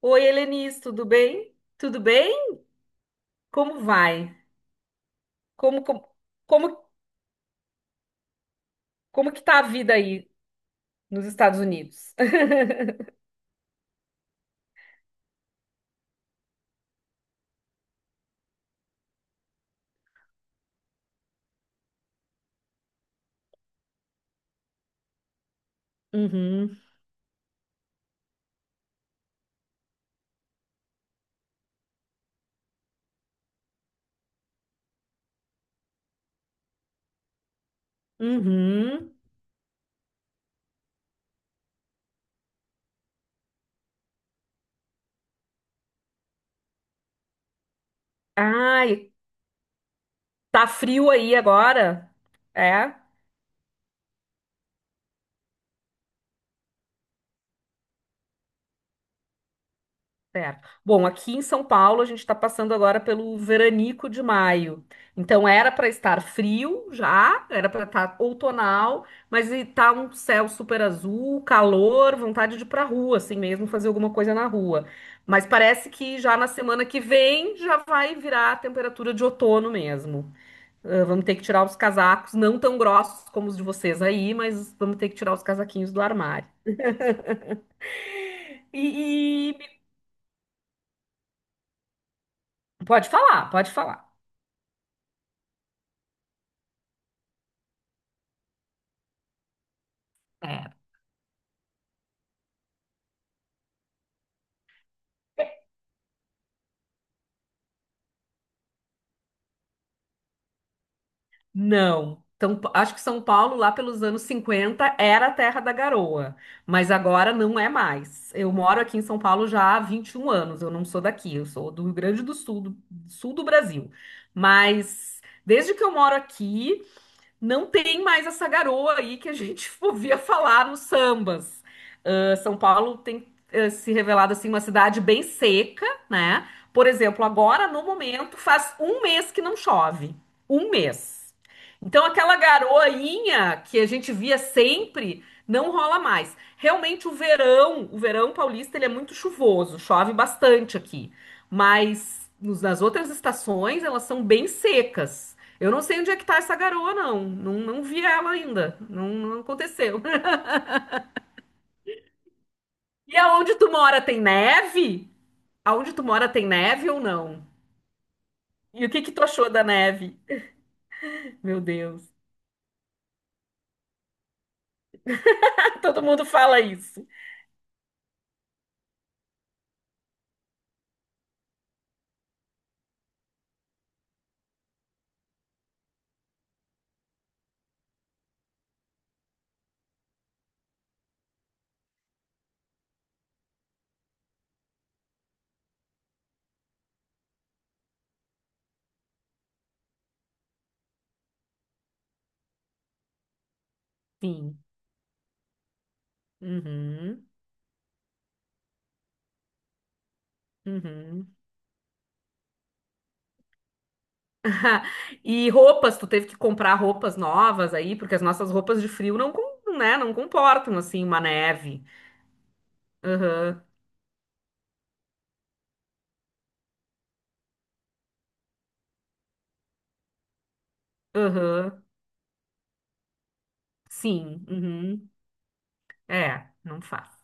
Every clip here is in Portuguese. Oi, Helenice, tudo bem? Tudo bem? Como vai? Como, como, como, como que tá a vida aí nos Estados Unidos? Uhum, uhum. Ai, tá frio aí agora? É? Certo. Bom, aqui em São Paulo a gente está passando agora pelo veranico de maio. Então era para estar frio já, era para estar outonal, mas está um céu super azul, calor, vontade de ir para rua, assim mesmo, fazer alguma coisa na rua. Mas parece que já na semana que vem já vai virar a temperatura de outono mesmo. Ah, vamos ter que tirar os casacos, não tão grossos como os de vocês aí, mas vamos ter que tirar os casaquinhos do armário. E, e- Pode falar, pode falar. Não. Então, acho que São Paulo, lá pelos anos 50 era a terra da garoa, mas agora não é mais. Eu moro aqui em São Paulo já há 21 anos, eu não sou daqui, eu sou do Rio Grande do Sul, do sul do Brasil. Mas desde que eu moro aqui, não tem mais essa garoa aí que a gente ouvia falar nos sambas. Ah, São Paulo tem se revelado assim uma cidade bem seca, né? Por exemplo, agora no momento faz um mês que não chove, um mês. Então aquela garoinha que a gente via sempre não rola mais. Realmente o verão paulista ele é muito chuvoso, chove bastante aqui, mas nas outras estações elas são bem secas. Eu não sei onde é que tá essa garoa, não. Não, não vi ela ainda. Não, não aconteceu. E aonde tu mora tem neve? Aonde tu mora tem neve ou não? E o que que tu achou da neve? Meu Deus. Todo mundo fala isso. Sim. Uhum. Uhum. E roupas, tu teve que comprar roupas novas aí, porque as nossas roupas de frio não, né, não comportam assim uma neve. Aham. Aham. Sim. Uhum. É, não faz.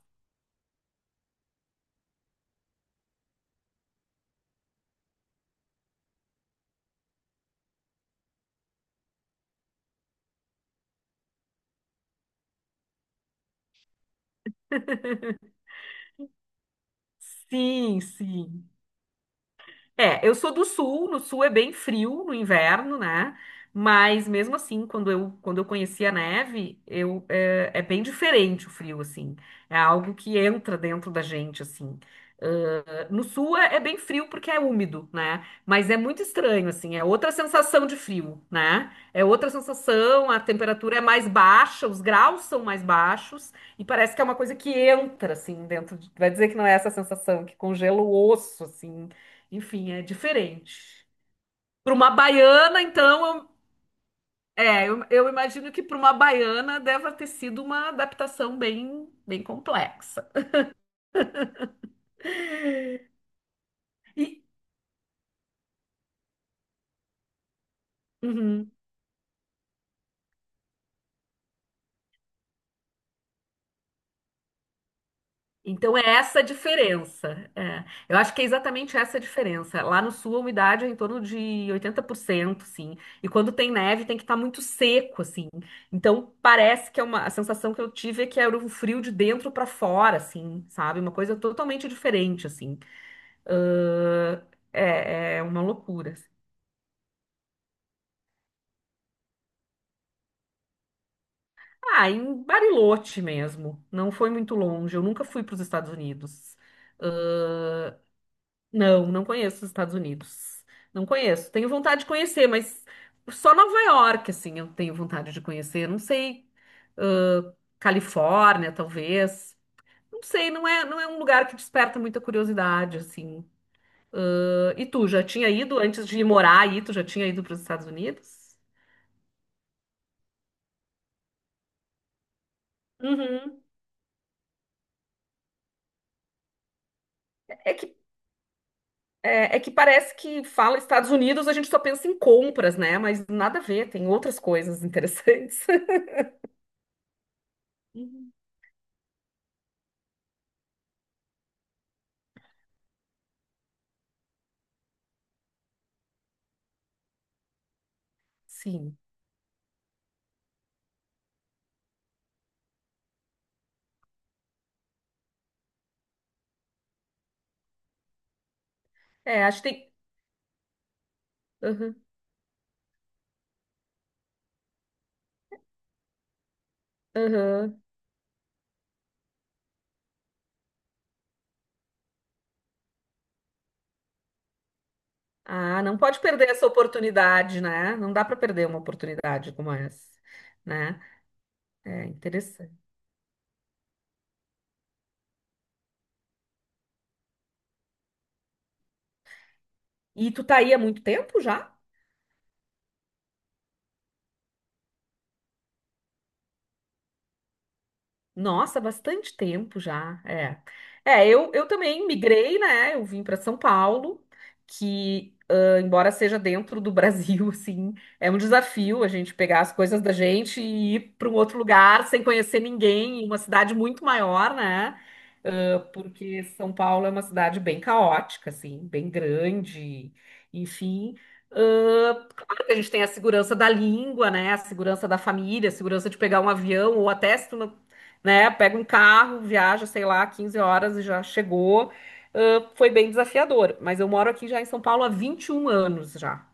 Sim, sim. É, eu sou do sul, no sul é bem frio no inverno, né? Mas mesmo assim, quando eu conheci a neve, é, é bem diferente o frio, assim. É algo que entra dentro da gente, assim. No sul é, é bem frio porque é úmido, né? Mas é muito estranho, assim, é outra sensação de frio, né? É outra sensação, a temperatura é mais baixa, os graus são mais baixos, e parece que é uma coisa que entra, assim, dentro de... Vai dizer que não é essa sensação, que congela o osso, assim. Enfim, é diferente. Para uma baiana, então, eu imagino que para uma baiana deve ter sido uma adaptação bem, bem complexa. E... Uhum. Então é essa a diferença. É. Eu acho que é exatamente essa a diferença. Lá no sul a umidade é em torno de 80%, sim. E quando tem neve tem que estar muito seco, assim. Então parece que é uma a sensação que eu tive é que era um frio de dentro para fora, assim, sabe? Uma coisa totalmente diferente, assim. Ahn, é, é uma loucura. Assim. Ah, em Bariloche mesmo. Não foi muito longe. Eu nunca fui para os Estados Unidos. Ahn, Não, não conheço os Estados Unidos. Não conheço. Tenho vontade de conhecer, mas só Nova York, assim, eu tenho vontade de conhecer. Não sei, ãh, Califórnia, talvez. Não sei, não é um lugar que desperta muita curiosidade, assim. E tu, já tinha ido antes de morar aí? Tu já tinha ido para os Estados Unidos? Uhum. É que, é, é que parece que fala Estados Unidos, a gente só pensa em compras, né? Mas nada a ver, tem outras coisas interessantes. Uhum. Sim. É, acho que tem. Aham. Ah, não pode perder essa oportunidade, né? Não dá para perder uma oportunidade como essa, né? É interessante. E tu tá aí há muito tempo já? Nossa, bastante tempo já, é. Eu também migrei, né? Eu vim para São Paulo, que, ah, embora seja dentro do Brasil, assim, é um desafio a gente pegar as coisas da gente e ir para um outro lugar sem conhecer ninguém, em uma cidade muito maior, né? Ah, porque São Paulo é uma cidade bem caótica, assim, bem grande, enfim. Ah, claro que a gente tem a segurança da língua, né? A segurança da família, a segurança de pegar um avião, ou até se tu não né? Pega um carro, viaja, sei lá, 15 horas e já chegou. Ah, foi bem desafiador, mas eu moro aqui já em São Paulo há 21 anos já.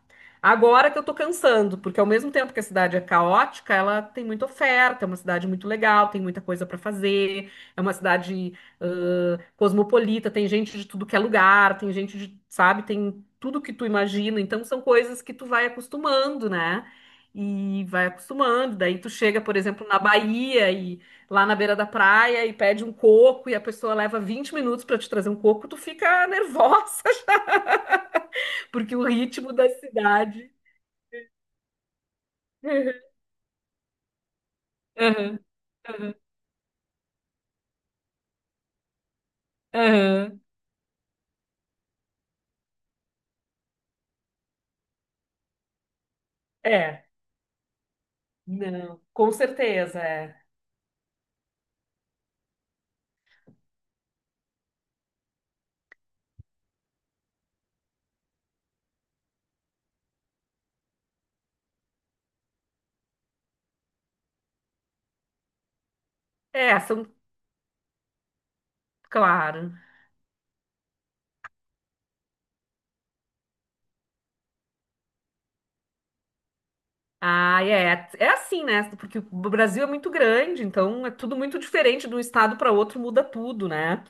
Agora que eu tô cansando, porque ao mesmo tempo que a cidade é caótica, ela tem muita oferta, é uma cidade muito legal, tem muita coisa para fazer, é uma cidade cosmopolita, tem gente de tudo que é lugar, tem gente de, sabe, tem tudo que tu imagina, então são coisas que tu vai acostumando, né? E vai acostumando, daí tu chega, por exemplo, na Bahia lá na beira da praia e pede um coco e a pessoa leva 20 minutos para te trazer um coco, tu fica nervosa, porque o ritmo da cidade. Aham, aham, aham. É, não, com certeza, é. É, são, claro. Ah, é, é assim, né? Porque o Brasil é muito grande, então é tudo muito diferente de um estado para outro, muda tudo, né?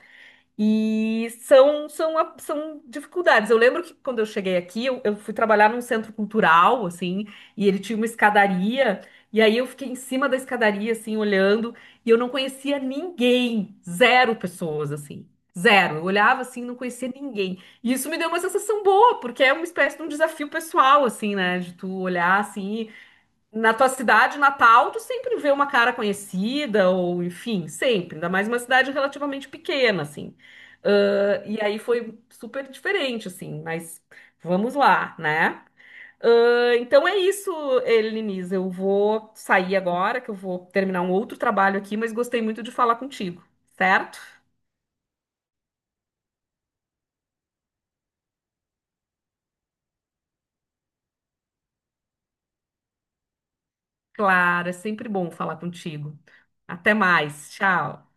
São dificuldades. Eu lembro que quando eu cheguei aqui, eu fui trabalhar num centro cultural, assim, e ele tinha uma escadaria, e aí eu fiquei em cima da escadaria, assim, olhando, e eu não conhecia ninguém, zero pessoas, assim, zero. Eu olhava assim, não conhecia ninguém. E isso me deu uma sensação boa, porque é uma espécie de um desafio pessoal, assim, né, de tu olhar, assim, na tua cidade natal, tu sempre vê uma cara conhecida, ou enfim, sempre, ainda mais uma cidade relativamente pequena, assim. E aí foi super diferente, assim, mas vamos lá, né? Então é isso, Eliniz. Eu vou sair agora, que eu vou terminar um outro trabalho aqui, mas gostei muito de falar contigo, certo? Claro, é sempre bom falar contigo. Até mais, tchau.